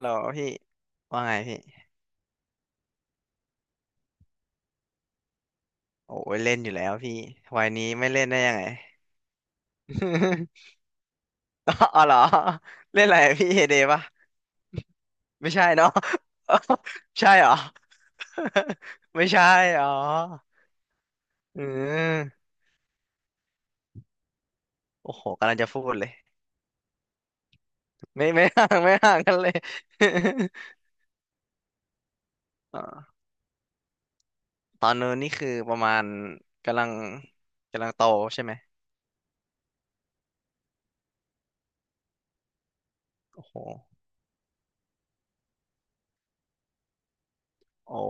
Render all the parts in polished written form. หรอพี่ว่าไงพี่โอ้ยเล่นอยู่แล้วพี่วัยนี้ไม่เล่นได้ยังไง อ๋อเหรอเล่นอะไรพี่เฮเดปะไม่ใช่เนาะ ใช่เหรอ ไม่ใช่อ๋ออืมโอ้โหกำลังจะพูดเลยไม่ไม่ห่างไม่ห่างกันเลย อ่าตอนนู้นนี่คือประมาณกำลังกำลังโตใช่ไหมโอ้โหโอ้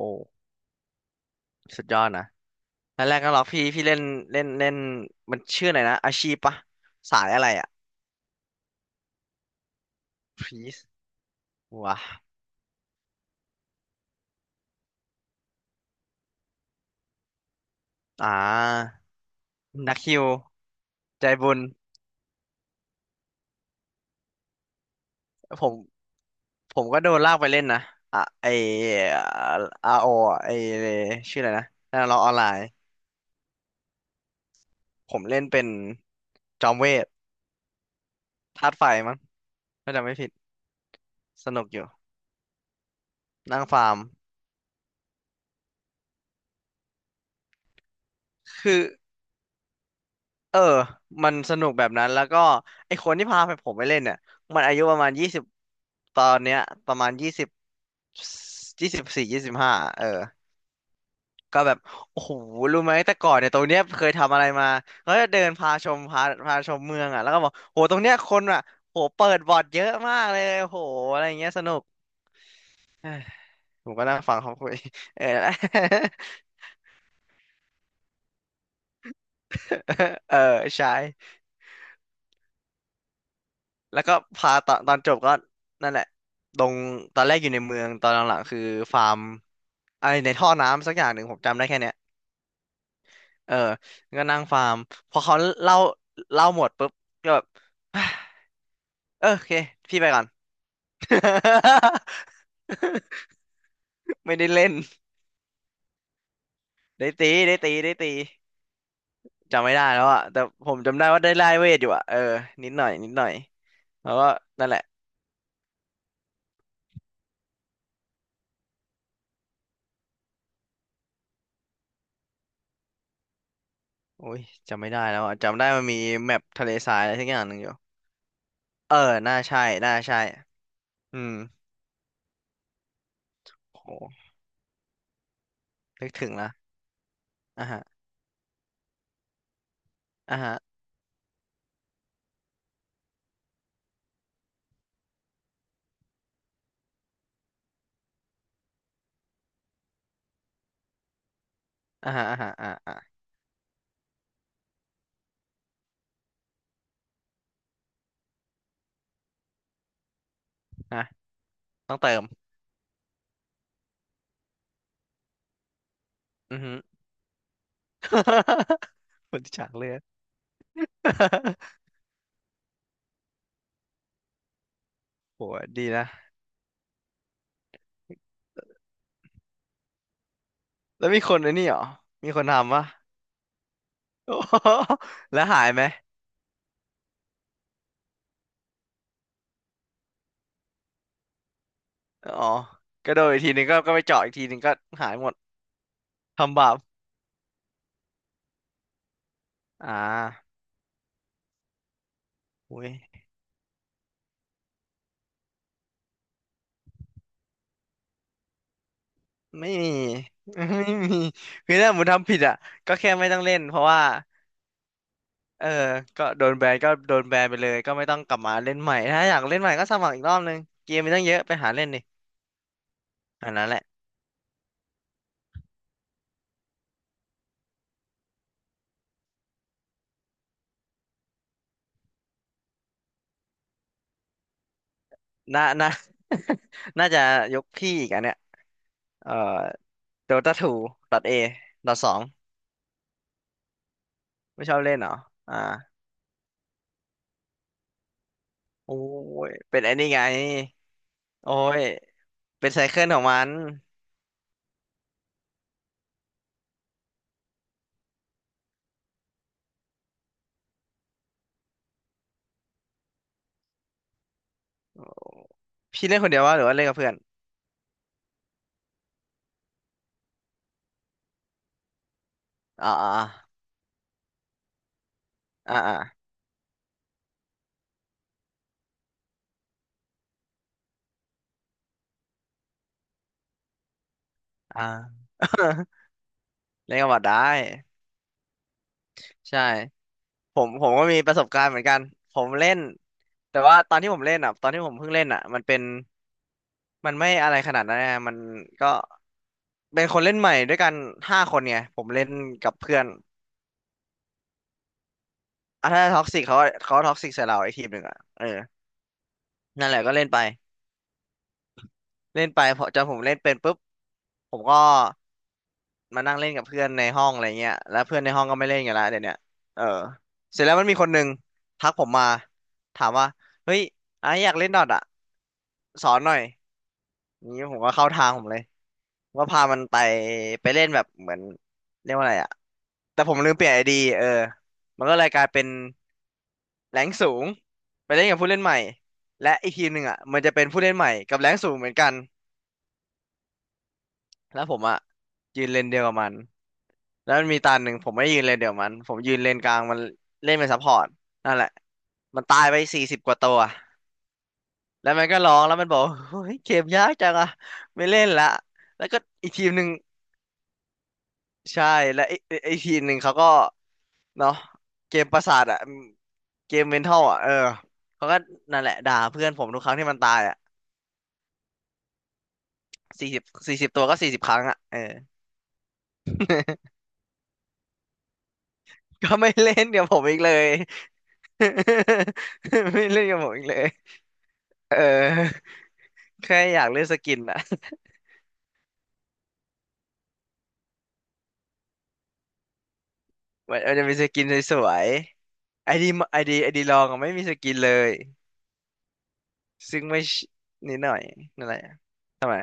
สุดยอดนะ ตอนแรกก็หรอกพี่เล่นเล่นเล่นมันชื่ออะไรนะอาชีพปะสายอะไรอ่ะพีซว้าอ่านักฮิวใจบุญผมผมก็โดนลากไปเล่นนะอ่ะไออาโอไอชื่ออะไรนะนั่นเราออนไลน์ผมเล่นเป็นจอมเวทธาตุไฟมั้งถ้าจำไม่ผิดสนุกอยู่นั่งฟาร์มคือเออมันสนุกแบบนั้นแล้วก็ไอคนที่พาไปผมไปเล่นเนี่ยมันอายุประมาณยี่สิบตอนเนี้ยประมาณยี่สิบ 24 25เออก็แบบโอ้โหรู้ไหม แต่ก่อนเนี่ยตรงเนี้ยเคยทำอะไรมาเขาจะเดินพาชมพาชมเมืองอ่ะแล้วก็บอกโหตรงเนี้ยคนอ่ะโหเปิดบอร์ดเยอะมากเลยโหอะไรอย่างเงี้ยสนุก เอ้ยผมก็นั่งฟังเขาคุยเออ เออใช่แล้วก็พาตอนจบก็นั่นแหละตรงตอนแรกอยู่ในเมืองตอนหลังๆคือฟาร์มอะไรในท่อน้ำสักอย่างหนึ่งผมจำได้แค่เนี้ย เออก็นั่งฟาร์มพอเขาเล่าหมดปุ๊บก็แบบ เออโอเคพี่ไปก่อน ไม่ได้เล่นได้ตีได้ตีได้ตีจำไม่ได้แล้วอะแต่ผมจำได้ว่าได้ไล่เวทอยู่อะเออนิดหน่อยนิดหน่อยแล้วก็นั่นแหละโอ้ยจำไม่ได้แล้วอะจำได้มันมีแมปทะเลทรายอะไรสักอย่างหนึ่งอยู่เออน่าใช่น่าใช่อืมโหนึกถึงละอ่ะฮะอ่ะฮะอ่ะฮะอ่ะฮะอ่ะอ่ะฮะต้องเติมอือฮึ คนที่ฉากเลือด โหดีนะแล้วมีคนไอ้นี่เหรอมีคนทำปะโอ้โห แล้วหายไหมอ๋อก็โดนอีกทีหนึ่งก็ไปเจาะอีกทีหนึ่งก็หายหมดทำบาปอ่าอุ้ยไม่มี ไม่มีคือถ้าผมทำผิดอ่ะก็แค่ไม่ต้องเล่นเพราะว่าเออก็โดนแบนก็โดนแบนไปเลยก็ไม่ต้องกลับมาเล่นใหม่ถ้าอยากเล่นใหม่ก็สมัครอีกรอบนึงเกมมีตั้งเยอะไปหาเล่นดิอันนั้นแหละน่าน่า น่าจะยกพี่อีกอันเนี้ยเออ โดตาทูดอทเอดอทสองไม่ชอบเล่นเหรออ่าโอ้ยเป็นไอ้นี่ไงโอ้ยเป็นไซเคิลของมันพี่เล่นคนเดียวว่าหรือว่าเล่นกับเพื่อนอ่าอ่าอ่าอ่าอ่า เล่นกับบอทได้ใช่ผมก็มีประสบการณ์เหมือนกันผมเล่นแต่ว่าตอนที่ผมเล่นอ่ะตอนที่ผมเพิ่งเล่นอ่ะมันเป็นมันไม่อะไรขนาดนั้นนะมันก็เป็นคนเล่นใหม่ด้วยกัน5 คนไงผมเล่นกับเพื่อนอ่ะถ้าท็อกซิกเขาเขาท็อกซิกใส่เราไอ้ทีมหนึ่งอ่ะเออนั่นแหละก็เล่นไป เล่นไปพอจนผมเล่นเป็นปุ๊บผมก็มานั่งเล่นกับเพื่อนในห้องอะไรเงี้ยแล้วเพื่อนในห้องก็ไม่เล่นกันละเดี๋ยวเนี้ยเออเสร็จแล้วมันมีคนหนึ่งทักผมมาถามว่าเฮ้ยไอ้อยากเล่นดอทอ่ะสอนหน่อยนี้ผมก็เข้าทางผมเลยผมก็พามันไปไปเล่นแบบเหมือนเรียกว่าอะไรอ่ะแต่ผมลืมเปลี่ยนไอดีเออมันก็เลยกลายเป็นแรงค์สูงไปเล่นกับผู้เล่นใหม่และอีกทีมหนึ่งอ่ะมันจะเป็นผู้เล่นใหม่กับแรงค์สูงเหมือนกันแล้วผมอ่ะยืนเลนเดียวกับมัน แล้วมันมีตาหนึ่งผมไม่ยืนเลนเดี๋ยวมันผมยืนเลนกลางมันเล่นเป็นซัพพอร์ตนั่นแหละมันตายไปสี่สิบกว่าตัวแล้วมันก็ร้องแล้วมันบอกเฮ้ยเกมยากจังอะไม่เล่นละแล้วก็อีกทีมหนึ่งใช่แล้วไอ้ทีมหนึ่งเขาก็เนาะเกมประสาทอะเกมเมนทัลอะเออเขาก็นั่นแหละด่าเพื่อนผมทุกครั้งที่มันตายอะ40 40 ตัวก็40 ครั้งอะเออก็ไม่เล่นเดี๋ยวผมอีกเลย ไม่เล่นกับผมอีกเลยเออ แค่อยากเล่นสกินอ่ะ มันจะมีสกินสวยๆไอดีลองอะไม่มีสกินเลยซึ่งไม่ชนิดหน่อยนั่นแหละทำไม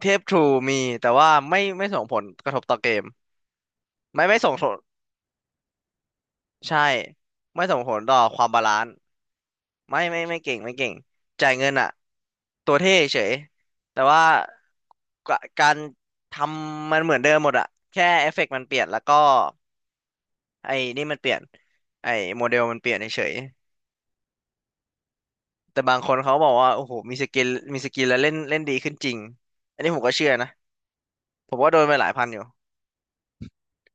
เทพทรูมีแต่ว่าไม่ส่งผลกระทบต่อเกมไม่ส่งผลใช่ไม่ส่งผลต่อความบาลานซ์ไม่เก่งไม่เก่งจ่ายเงินอ่ะตัวเท่เฉยแต่ว่ากะการทำมันเหมือนเดิมหมดอ่ะแค่เอฟเฟกต์มันเปลี่ยนแล้วก็ไอ้นี่มันเปลี่ยนไอ้โมเดลมันเปลี่ยนเฉย แต่บางคนเขาบอกว่าโอ้โหมีสกิลมีสกิลแล้วเล่นเล่นดีขึ้นจริงอันนี้ผมก็เชื่อนะผมว่าโดนไปหลายพันอยู่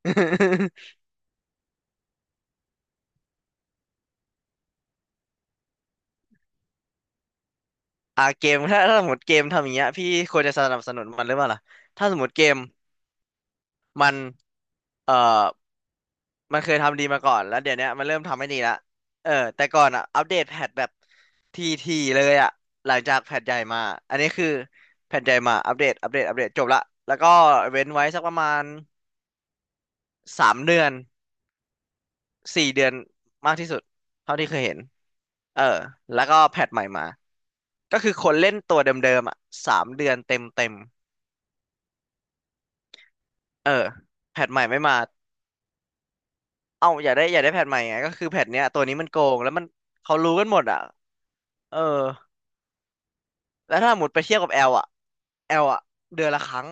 อ่าเกมถ้าสมมติเกมทำอย่างเงี้ยพี่ควรจะสนับสนุนมันหรือเปล่าล่ะถ้าสมมติเกมมันเอ่อมันเคยทำดีมาก่อนแล้วเดี๋ยวเนี้ยมันเริ่มทำไม่ดีละเออแต่ก่อนอ่ะอัปเดตแพทแบบทีเลยอ่ะหลังจากแพทใหญ่มาอันนี้คือแพทใหญ่มาอัปเดตจบละแล้วก็เว้นไว้สักประมาณสามเดือน 4 เดือนมากที่สุดเท่าที่เคยเห็น เออ แล้วก็แพทใหม่มา ก็คือคนเล่นตัวเดิมๆอ่ะสามเดือนเต็มเออแพทใหม่ไม่มาเอ้าอยากได้แพทใหม่ไงก็คือแพทเนี้ยตัวนี้มันโกงแล้วมันเขารู้กันหมดอ่ะเออแล้วถ้าหมดไปเทียบกับแอลอ่ะแอลอ่ะเดือนละครั้ง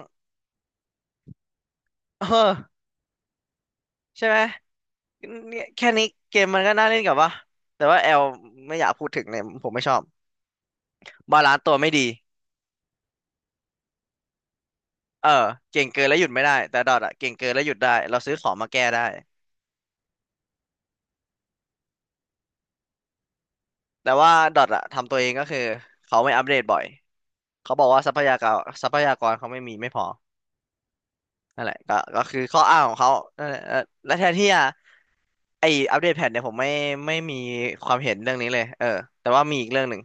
เออใช่ไหมเนี่ยแค่นี้เกมมันก็น่าเล่นกับว่าแต่ว่าแอลไม่อยากพูดถึงเลยผมไม่ชอบบาลานซ์ตัวไม่ดี เออเก่งเกินแล้วหยุดไม่ได้แต่ดอทอะเก่งเกินแล้วหยุดได้เราซื้อของมาแก้ได้แต่ว่าดอทอะทำตัวเองก็คือเขาไม่อัปเดตบ่อยเขาบอกว่าทรัพยากรเขาไม่มีไม่พอนั่นแหละก็คือข้ออ้างของเขานั่นแหละเออและแทนที่จะไออัปเดตแพทเนี่ยผมไม่ไม่มีความเห็นเรื่องนี้เลยเออแต่ว่ามีอีกเรื่องหนึ่ง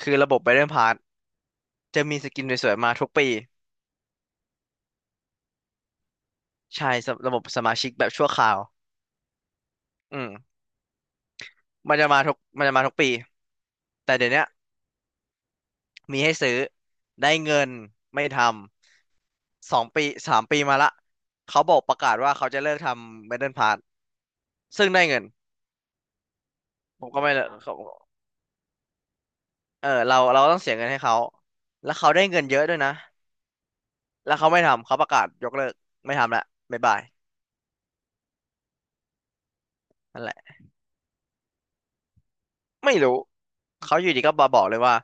คือระบบ Battle Pass จะมีสกินสวยๆมาทุกปีใช่สำระบบสมาชิกแบบชั่วคราวอืมมันจะมาทุกปีแต่เดี๋ยวเนี้ย มีให้ซื้อได้เงินไม่ทำ2 ปี3 ปีมาละเขาบอกประกาศว่าเขาจะเลิกทำเมดัลพาร์ทซึ่งได้เงินผมก็ไม่เลิกเขาเออเราต้องเสียเงินให้เขาแล้วเขาได้เงินเยอะด้วยนะแล้วเขาไม่ทำเขาประกาศยกเลิกไม่ทำละบ๊ายบายนั่นแหละไม่รู้เขาอยู่ดีก็มาบอกเลยว่า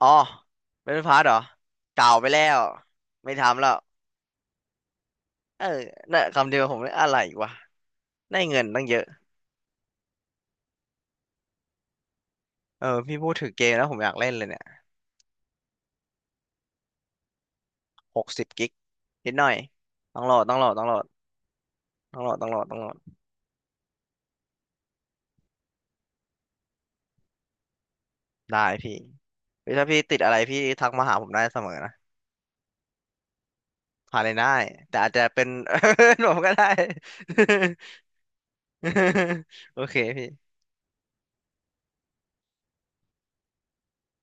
อ๋อเมดัลพาร์ทเหรอเก่าไปแล้วไม่ทำแล้วเออน่ะคำเดียวผมเลยอะไรวะได้เงินตั้งเยอะเออพี่พูดถึงเกมแล้วผมอยากเล่นเลยเนี่ย 60 กิกนิดหน่อยต้องโหลดต้องโหลดต้องโหลดต้องโหลดต้องโหลดต้องโหลดได้พี่เฮ้ยถ้าพี่ติดอะไรพี่ทักมาหาผมได้เสมอนะ ผ่านเลยได้ แต่อาจจะเป็น ผมก็ได้ โอเคพี่